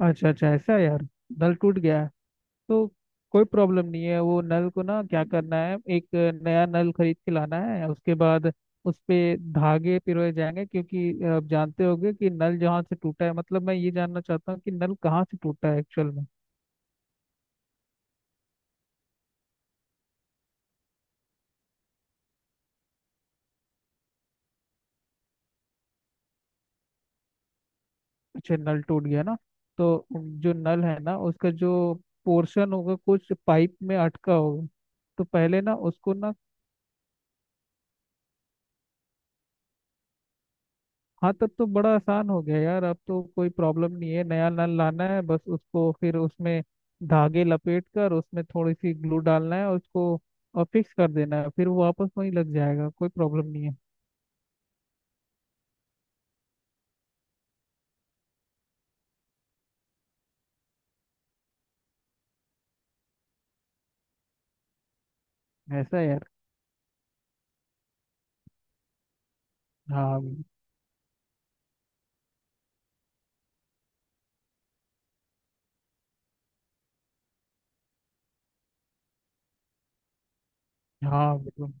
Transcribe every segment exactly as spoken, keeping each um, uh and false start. अच्छा अच्छा ऐसा है यार। नल टूट गया है। तो कोई प्रॉब्लम नहीं है, वो नल को ना क्या करना है, एक नया नल खरीद के लाना है। उसके बाद उस पे धागे पिरोए जाएंगे, क्योंकि आप जानते होंगे कि नल जहाँ से टूटा है, मतलब मैं ये जानना चाहता हूँ कि नल कहाँ से टूटा है एक्चुअल में। अच्छा, नल टूट गया ना। तो जो नल है ना, उसका जो पोर्शन होगा कुछ पाइप में अटका होगा। तो पहले ना उसको ना, हाँ, तब तो बड़ा आसान हो गया यार। अब तो कोई प्रॉब्लम नहीं है, नया नल लाना है, बस उसको फिर उसमें धागे लपेट कर उसमें थोड़ी सी ग्लू डालना है और उसको और फिक्स कर देना है, फिर वो वापस वहीं लग जाएगा। कोई प्रॉब्लम नहीं है। ऐसा है यार। हाँ। हाँ, बिल्कुल।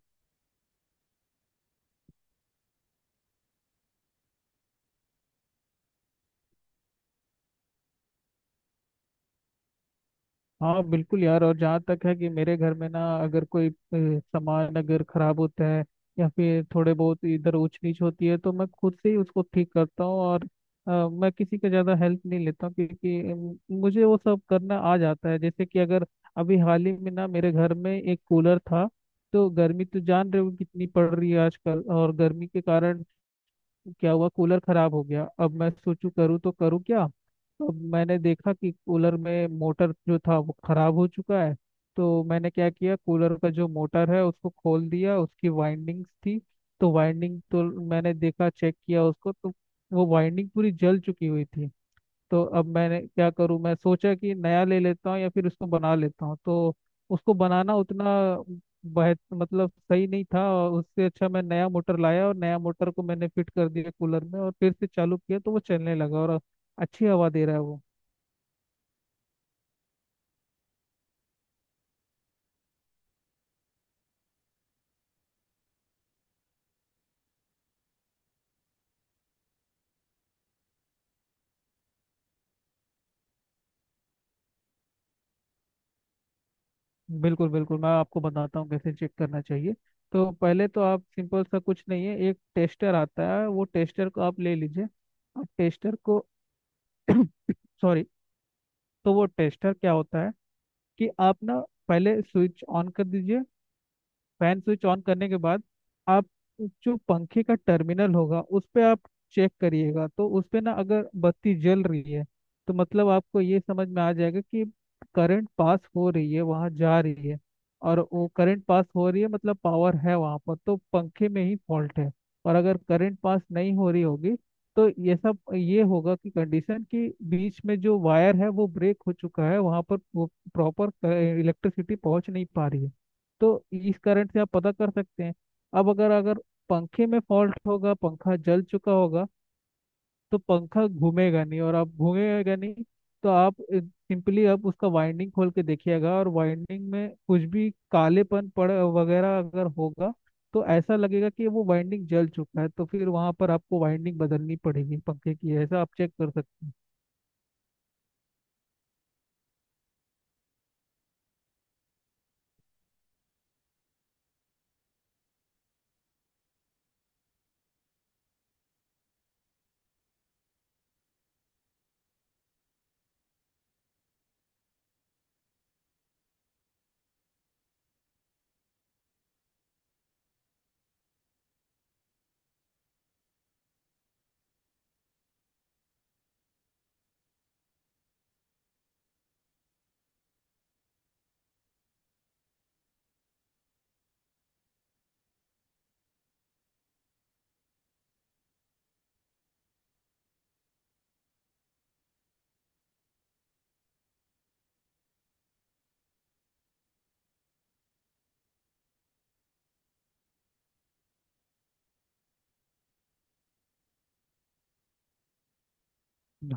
हाँ बिल्कुल यार। और जहाँ तक है कि मेरे घर में ना अगर कोई अ, सामान अगर खराब होता है या फिर थोड़े बहुत इधर ऊंच नीच होती है, तो मैं खुद से ही उसको ठीक करता हूँ। और अ, मैं किसी का ज़्यादा हेल्प नहीं लेता हूँ, क्योंकि अम, मुझे वो सब करना आ जाता है। जैसे कि अगर अभी हाल ही में ना मेरे घर में एक कूलर था। तो गर्मी तो जान रहे हो कितनी पड़ रही है आजकल, और गर्मी के कारण क्या हुआ, कूलर खराब हो गया। अब मैं सोचूं करूँ तो करूँ क्या। तो मैंने देखा कि कूलर में मोटर जो था वो खराब हो चुका है। तो मैंने क्या किया, कूलर का जो मोटर है उसको खोल दिया, उसकी वाइंडिंग्स थी। तो वाइंडिंग तो मैंने देखा, चेक किया उसको, तो वो वाइंडिंग पूरी जल चुकी हुई थी। तो अब मैंने क्या करूं, मैं सोचा कि नया ले लेता हूँ या फिर उसको बना लेता हूँ। तो उसको बनाना उतना बेहत मतलब सही नहीं था, और उससे अच्छा मैं नया मोटर लाया और नया मोटर को मैंने फिट कर दिया कूलर में, और फिर से चालू किया तो वो चलने लगा और अच्छी हवा दे रहा है वो। बिल्कुल बिल्कुल, मैं आपको बताता हूँ कैसे चेक करना चाहिए। तो पहले तो आप, सिंपल सा कुछ नहीं है, एक टेस्टर आता है, वो टेस्टर को आप ले लीजिए। आप टेस्टर को सॉरी। तो वो टेस्टर क्या होता है कि आप ना पहले स्विच ऑन कर दीजिए। फैन स्विच ऑन करने के बाद आप जो पंखे का टर्मिनल होगा उस पे आप चेक करिएगा। तो उस पे ना अगर बत्ती जल रही है, तो मतलब आपको ये समझ में आ जाएगा कि करंट पास हो रही है, वहाँ जा रही है। और वो करंट पास हो रही है मतलब पावर है वहाँ पर, तो पंखे में ही फॉल्ट है। और अगर करंट पास नहीं हो रही होगी, तो ये सब ये होगा कि कंडीशन कि बीच में जो वायर है वो ब्रेक हो चुका है वहाँ पर, वो प्रॉपर इलेक्ट्रिसिटी पहुँच नहीं पा रही है। तो इस करंट से आप पता कर सकते हैं। अब अगर अगर पंखे में फॉल्ट होगा, पंखा जल चुका होगा, तो पंखा घूमेगा नहीं। और आप, घूमेगा नहीं तो आप सिंपली आप उसका वाइंडिंग खोल के देखिएगा, और वाइंडिंग में कुछ भी कालेपन पड़ वगैरह अगर होगा, तो ऐसा लगेगा कि वो वाइंडिंग जल चुका है। तो फिर वहां पर आपको वाइंडिंग बदलनी पड़ेगी पंखे की। ऐसा आप चेक कर सकते हैं।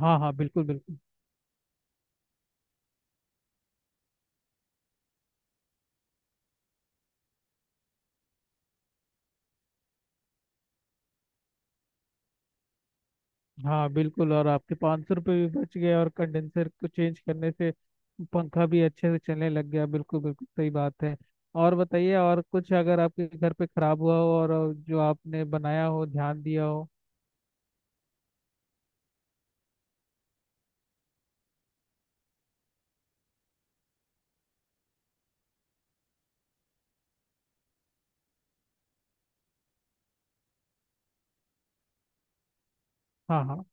हाँ हाँ, बिल्कुल बिल्कुल। हाँ बिल्कुल, और आपके पाँच सौ रुपये भी बच गए, और कंडेंसर को चेंज करने से पंखा भी अच्छे से चलने लग गया। बिल्कुल बिल्कुल, सही बात है। और बताइए, और कुछ अगर आपके घर पे खराब हुआ हो और जो आपने बनाया हो, ध्यान दिया हो। हाँ हाँ।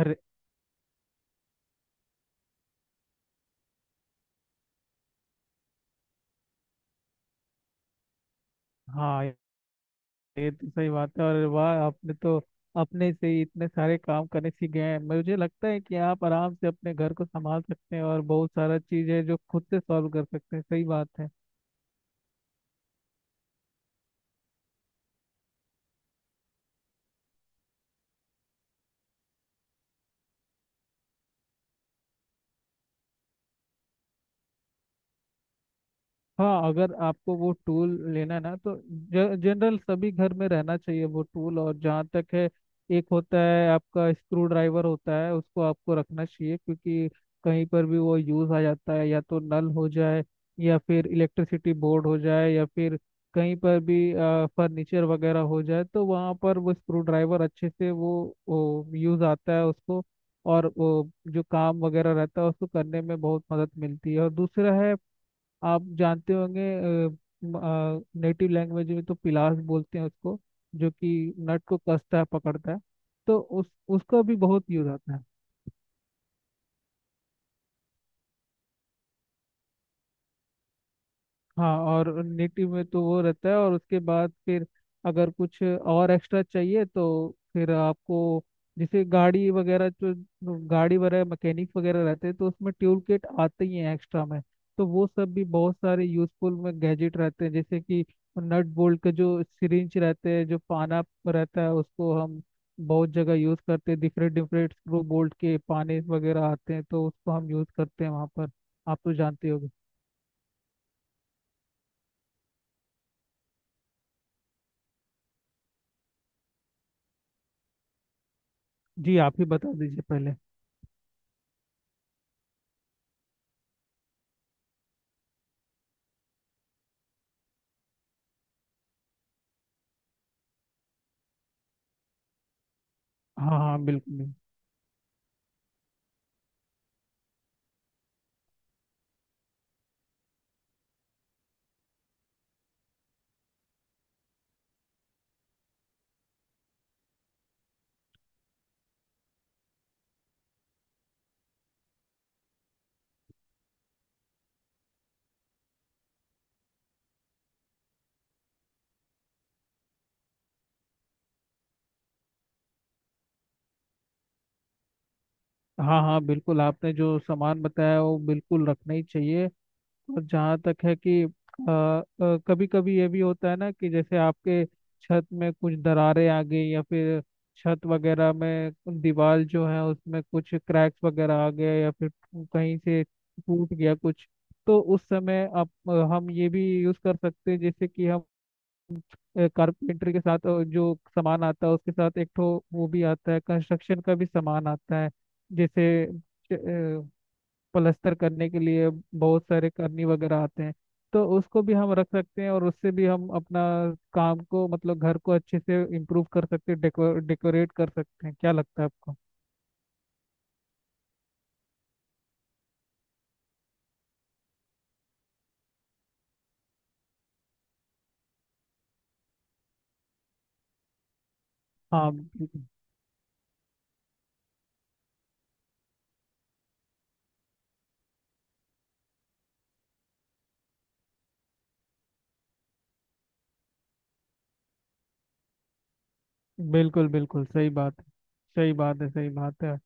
अरे हाँ, ये तो सही बात है। और वाह, आपने तो अपने से ही इतने सारे काम करने सीख गए हैं। मुझे लगता है कि आप आराम से अपने घर को संभाल सकते हैं, और बहुत सारा चीज़ है जो खुद से सॉल्व कर सकते हैं। सही बात है। हाँ, अगर आपको वो टूल लेना है ना, तो जनरल सभी घर में रहना चाहिए वो टूल। और जहाँ तक है, एक होता है आपका स्क्रू ड्राइवर होता है, उसको आपको रखना चाहिए, क्योंकि कहीं पर भी वो यूज आ जाता है। या तो नल हो जाए या फिर इलेक्ट्रिसिटी बोर्ड हो जाए, या फिर कहीं पर भी फर्नीचर वगैरह हो जाए, तो वहाँ पर वो स्क्रू ड्राइवर अच्छे से वो, वो यूज आता है उसको। और वो जो काम वगैरह रहता है उसको करने में बहुत मदद मिलती है। और दूसरा है, आप जानते होंगे, नेटिव लैंग्वेज में तो पिलास बोलते हैं उसको, जो कि नट को कसता है, पकड़ता है। तो उस उसका भी बहुत यूज आता है। हाँ, और नेटिव में तो वो रहता है। और उसके बाद फिर अगर कुछ और एक्स्ट्रा चाहिए, तो फिर आपको, जैसे गाड़ी वगैरह जो, गाड़ी वगैरह मैकेनिक वगैरह रहते हैं, तो उसमें ट्यूब किट आते ही हैं एक्स्ट्रा में। तो वो सब भी बहुत सारे यूजफुल में गैजेट रहते हैं। जैसे कि नट बोल्ट के जो सिरिंज रहते हैं, जो पाना रहता है, उसको हम बहुत जगह यूज करते हैं। डिफरेंट डिफरेंट स्क्रू बोल्ट के पाने वगैरह आते हैं, तो उसको हम यूज करते हैं वहाँ पर। आप तो जानते होगे। जी, आप ही बता दीजिए पहले। हाँ हाँ, बिल्कुल बिल्कुल। हाँ हाँ, बिल्कुल। आपने जो सामान बताया वो बिल्कुल रखना ही चाहिए। और जहाँ तक है कि, कभी कभी ये भी होता है ना कि जैसे आपके छत में कुछ दरारें आ गई, या फिर छत वगैरह में दीवार जो है उसमें कुछ क्रैक्स वगैरह आ गए, या फिर कहीं से टूट गया कुछ, तो उस समय आप, हम ये भी यूज कर सकते हैं। जैसे कि हम कारपेंटर के साथ अ, जो सामान आता है उसके साथ एक ठो वो भी आता है, कंस्ट्रक्शन का भी सामान आता है। जैसे अ, प्लास्टर करने के लिए बहुत सारे करनी वगैरह आते हैं। तो उसको भी हम रख सकते हैं, और उससे भी हम अपना काम को, मतलब घर को अच्छे से इम्प्रूव कर सकते हैं, डेकोर डेकोरेट कर सकते हैं। क्या लगता है आपको। हाँ बिल्कुल। बिल्कुल बिल्कुल सही बात है। सही बात है, सही बात है।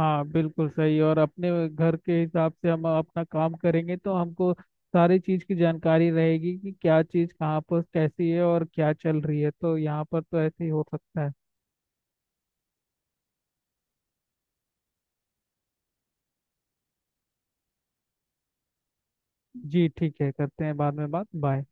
हाँ बिल्कुल सही। और अपने घर के हिसाब से हम अपना काम करेंगे तो हमको सारी चीज़ की जानकारी रहेगी कि क्या चीज़ कहाँ पर कैसी है और क्या चल रही है। तो यहाँ पर तो ऐसे ही हो सकता है। जी ठीक है, करते हैं बाद में बात, बाय।